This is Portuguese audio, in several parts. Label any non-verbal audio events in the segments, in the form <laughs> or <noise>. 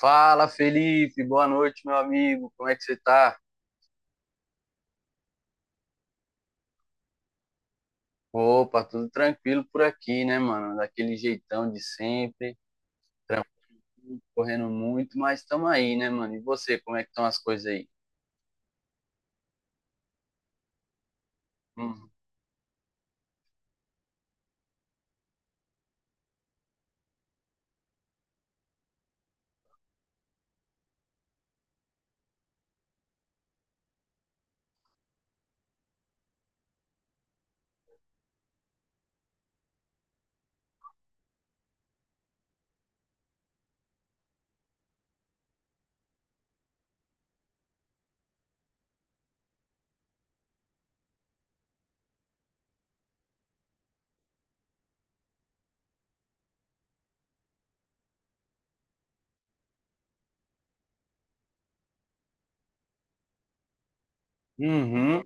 Fala, Felipe, boa noite, meu amigo. Como é que você tá? Opa, tudo tranquilo por aqui, né, mano? Daquele jeitão de sempre, tranquilo, correndo muito, mas estamos aí, né, mano? E você, como é que estão as coisas aí? Uhum. Uhum.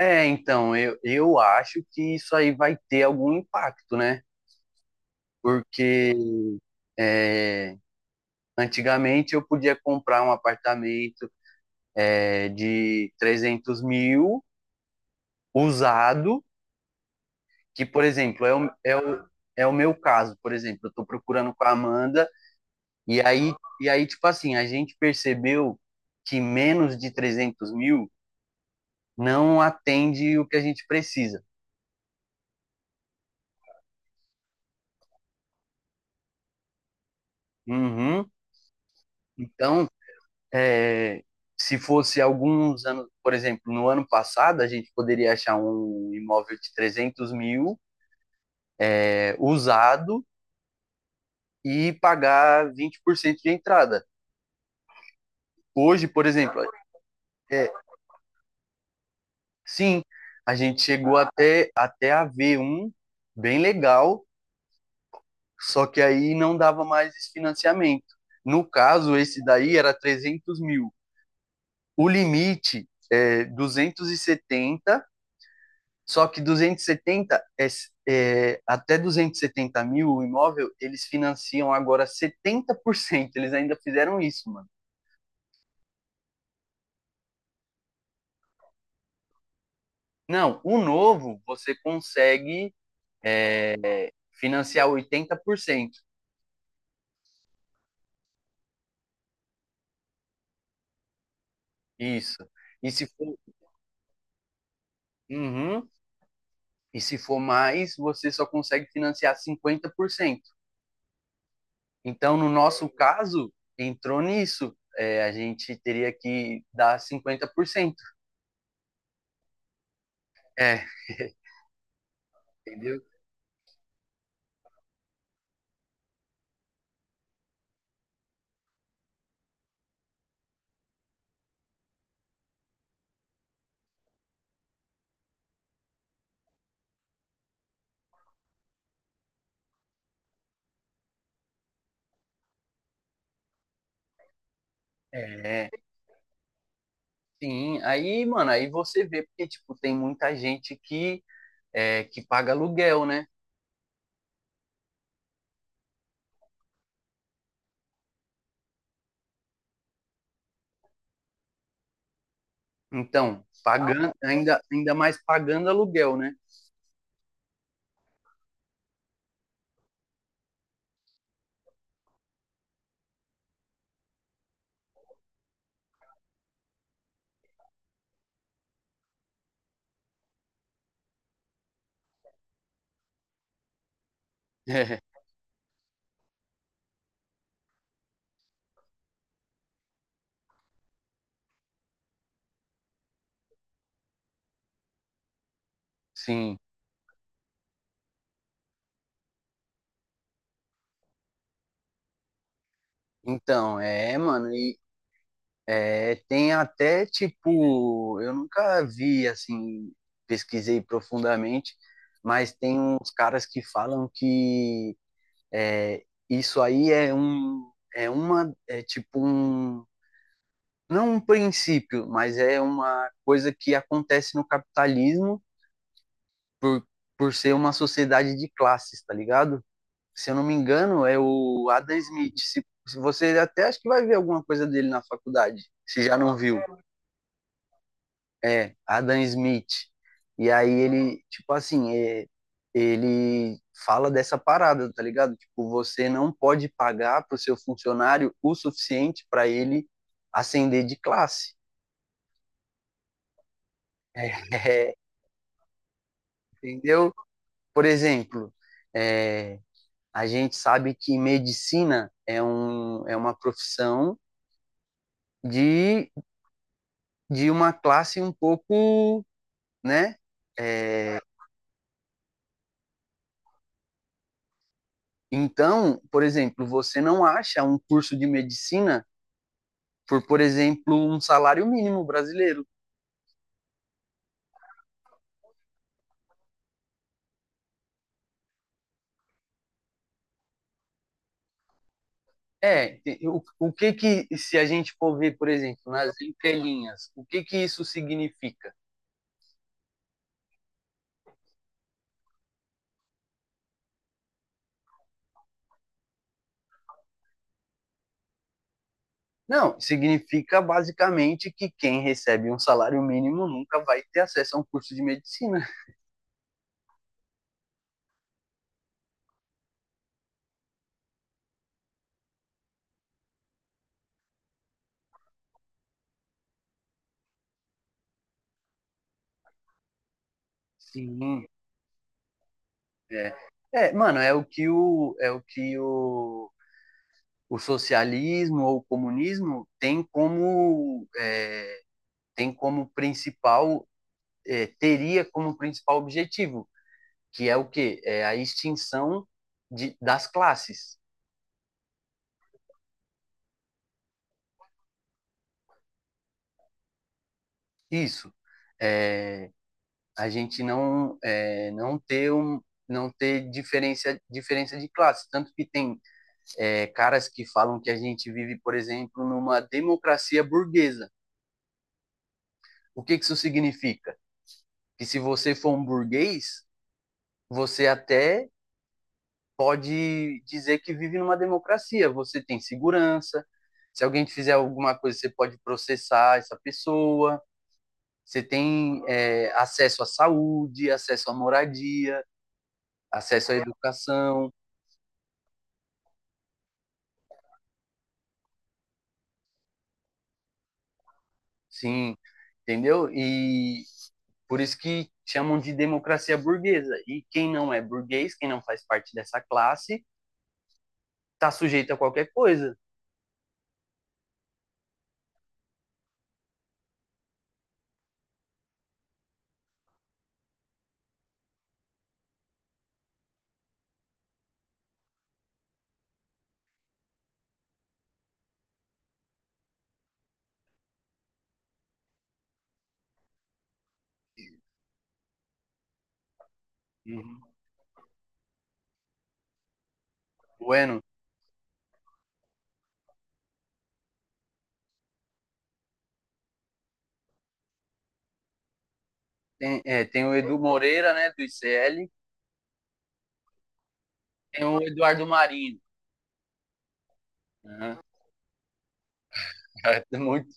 Então, eu acho que isso aí vai ter algum impacto, né? Porque é, antigamente eu podia comprar um apartamento, de 300 mil usado. Que, por exemplo, é o meu caso. Por exemplo, eu tô procurando com a Amanda, e aí, e aí, tipo assim, a gente percebeu que menos de 300 mil não atende o que a gente precisa. Uhum. Então, é, se fosse alguns anos, por exemplo, no ano passado, a gente poderia achar um imóvel de 300 mil , usado, e pagar 20% de entrada. Hoje, por exemplo, é, sim, a gente chegou até a ver um bem legal, só que aí não dava mais esse financiamento. No caso, esse daí era 300 mil. O limite é 270, só que 270, até 270 mil o imóvel, eles financiam agora 70%. Eles ainda fizeram isso, mano. Não, o novo você consegue financiar 80%. Isso. E se for, uhum, e se for mais, você só consegue financiar 50%. Então, no nosso caso, entrou nisso. A gente teria que dar 50%. É, entendeu? É, sim. Aí, mano, aí você vê, porque, tipo, tem muita gente que paga aluguel, né? Então, pagando, ainda mais pagando aluguel, né? <laughs> É, sim. Então, tem até, tipo, eu nunca vi, assim, pesquisei profundamente, mas tem uns caras que falam que é, isso aí é tipo um, não um princípio, mas é uma coisa que acontece no capitalismo por, por ser uma sociedade de classes, tá ligado? Se eu não me engano, é o Adam Smith. Se você, até acho que vai ver alguma coisa dele na faculdade, se já não viu. Adam Smith. E aí ele, tipo assim, ele fala dessa parada, tá ligado? Tipo, você não pode pagar pro seu funcionário o suficiente para ele ascender de classe. <laughs> É, é, entendeu? Por exemplo, é, a gente sabe que medicina é uma profissão de, de uma classe um pouco, né? É, então, por exemplo, você não acha um curso de medicina por exemplo, um salário mínimo brasileiro. É, o que que, se a gente for ver, por exemplo, nas entrelinhas, o que que isso significa? Não, significa basicamente que quem recebe um salário mínimo nunca vai ter acesso a um curso de medicina. Sim, é. É, mano, o socialismo ou o comunismo tem como, tem como principal, teria como principal objetivo, que é o quê? É a extinção das classes. Isso. É, a gente não, não ter um, não ter diferença de classe. Tanto que tem caras que falam que a gente vive, por exemplo, numa democracia burguesa. O que que isso significa? Que se você for um burguês, você até pode dizer que vive numa democracia. Você tem segurança. Se alguém te fizer alguma coisa, você pode processar essa pessoa. Você tem acesso à saúde, acesso à moradia, acesso à educação, sim, entendeu? E por isso que chamam de democracia burguesa. E quem não é burguês, quem não faz parte dessa classe, está sujeito a qualquer coisa. Uhum. Bueno, tem, o Edu Moreira, né, do ICL, tem o Eduardo Marinho. Né? <laughs> Muito,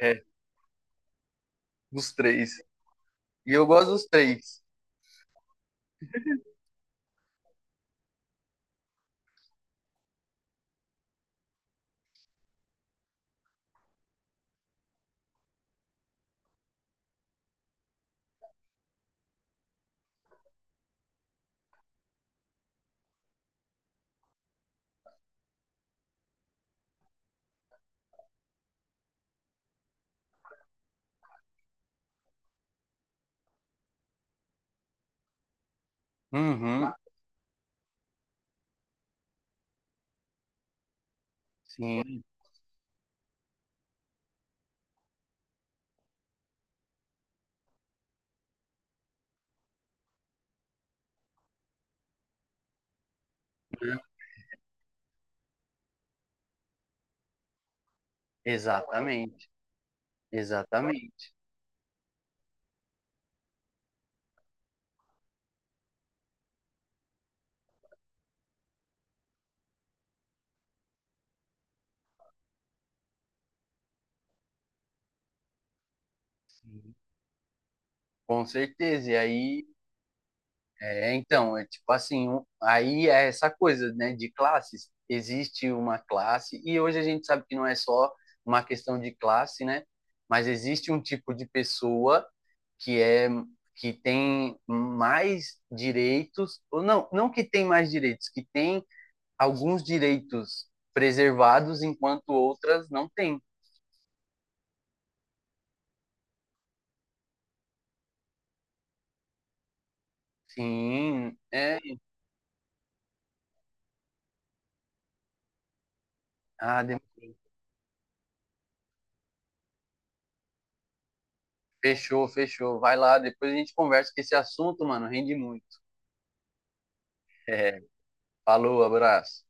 é, dos três. E eu gosto dos três. Uhum. Sim, né? Exatamente, exatamente. Com certeza. E aí, então, tipo assim, aí é essa coisa, né, de classes. Existe uma classe, e hoje a gente sabe que não é só uma questão de classe, né? Mas existe um tipo de pessoa que é que tem mais direitos, ou não, não que tem mais direitos, que tem alguns direitos preservados enquanto outras não têm. Sim, é a Fechou, fechou. Vai lá, depois a gente conversa, que esse assunto, mano, rende muito. É, falou, abraço.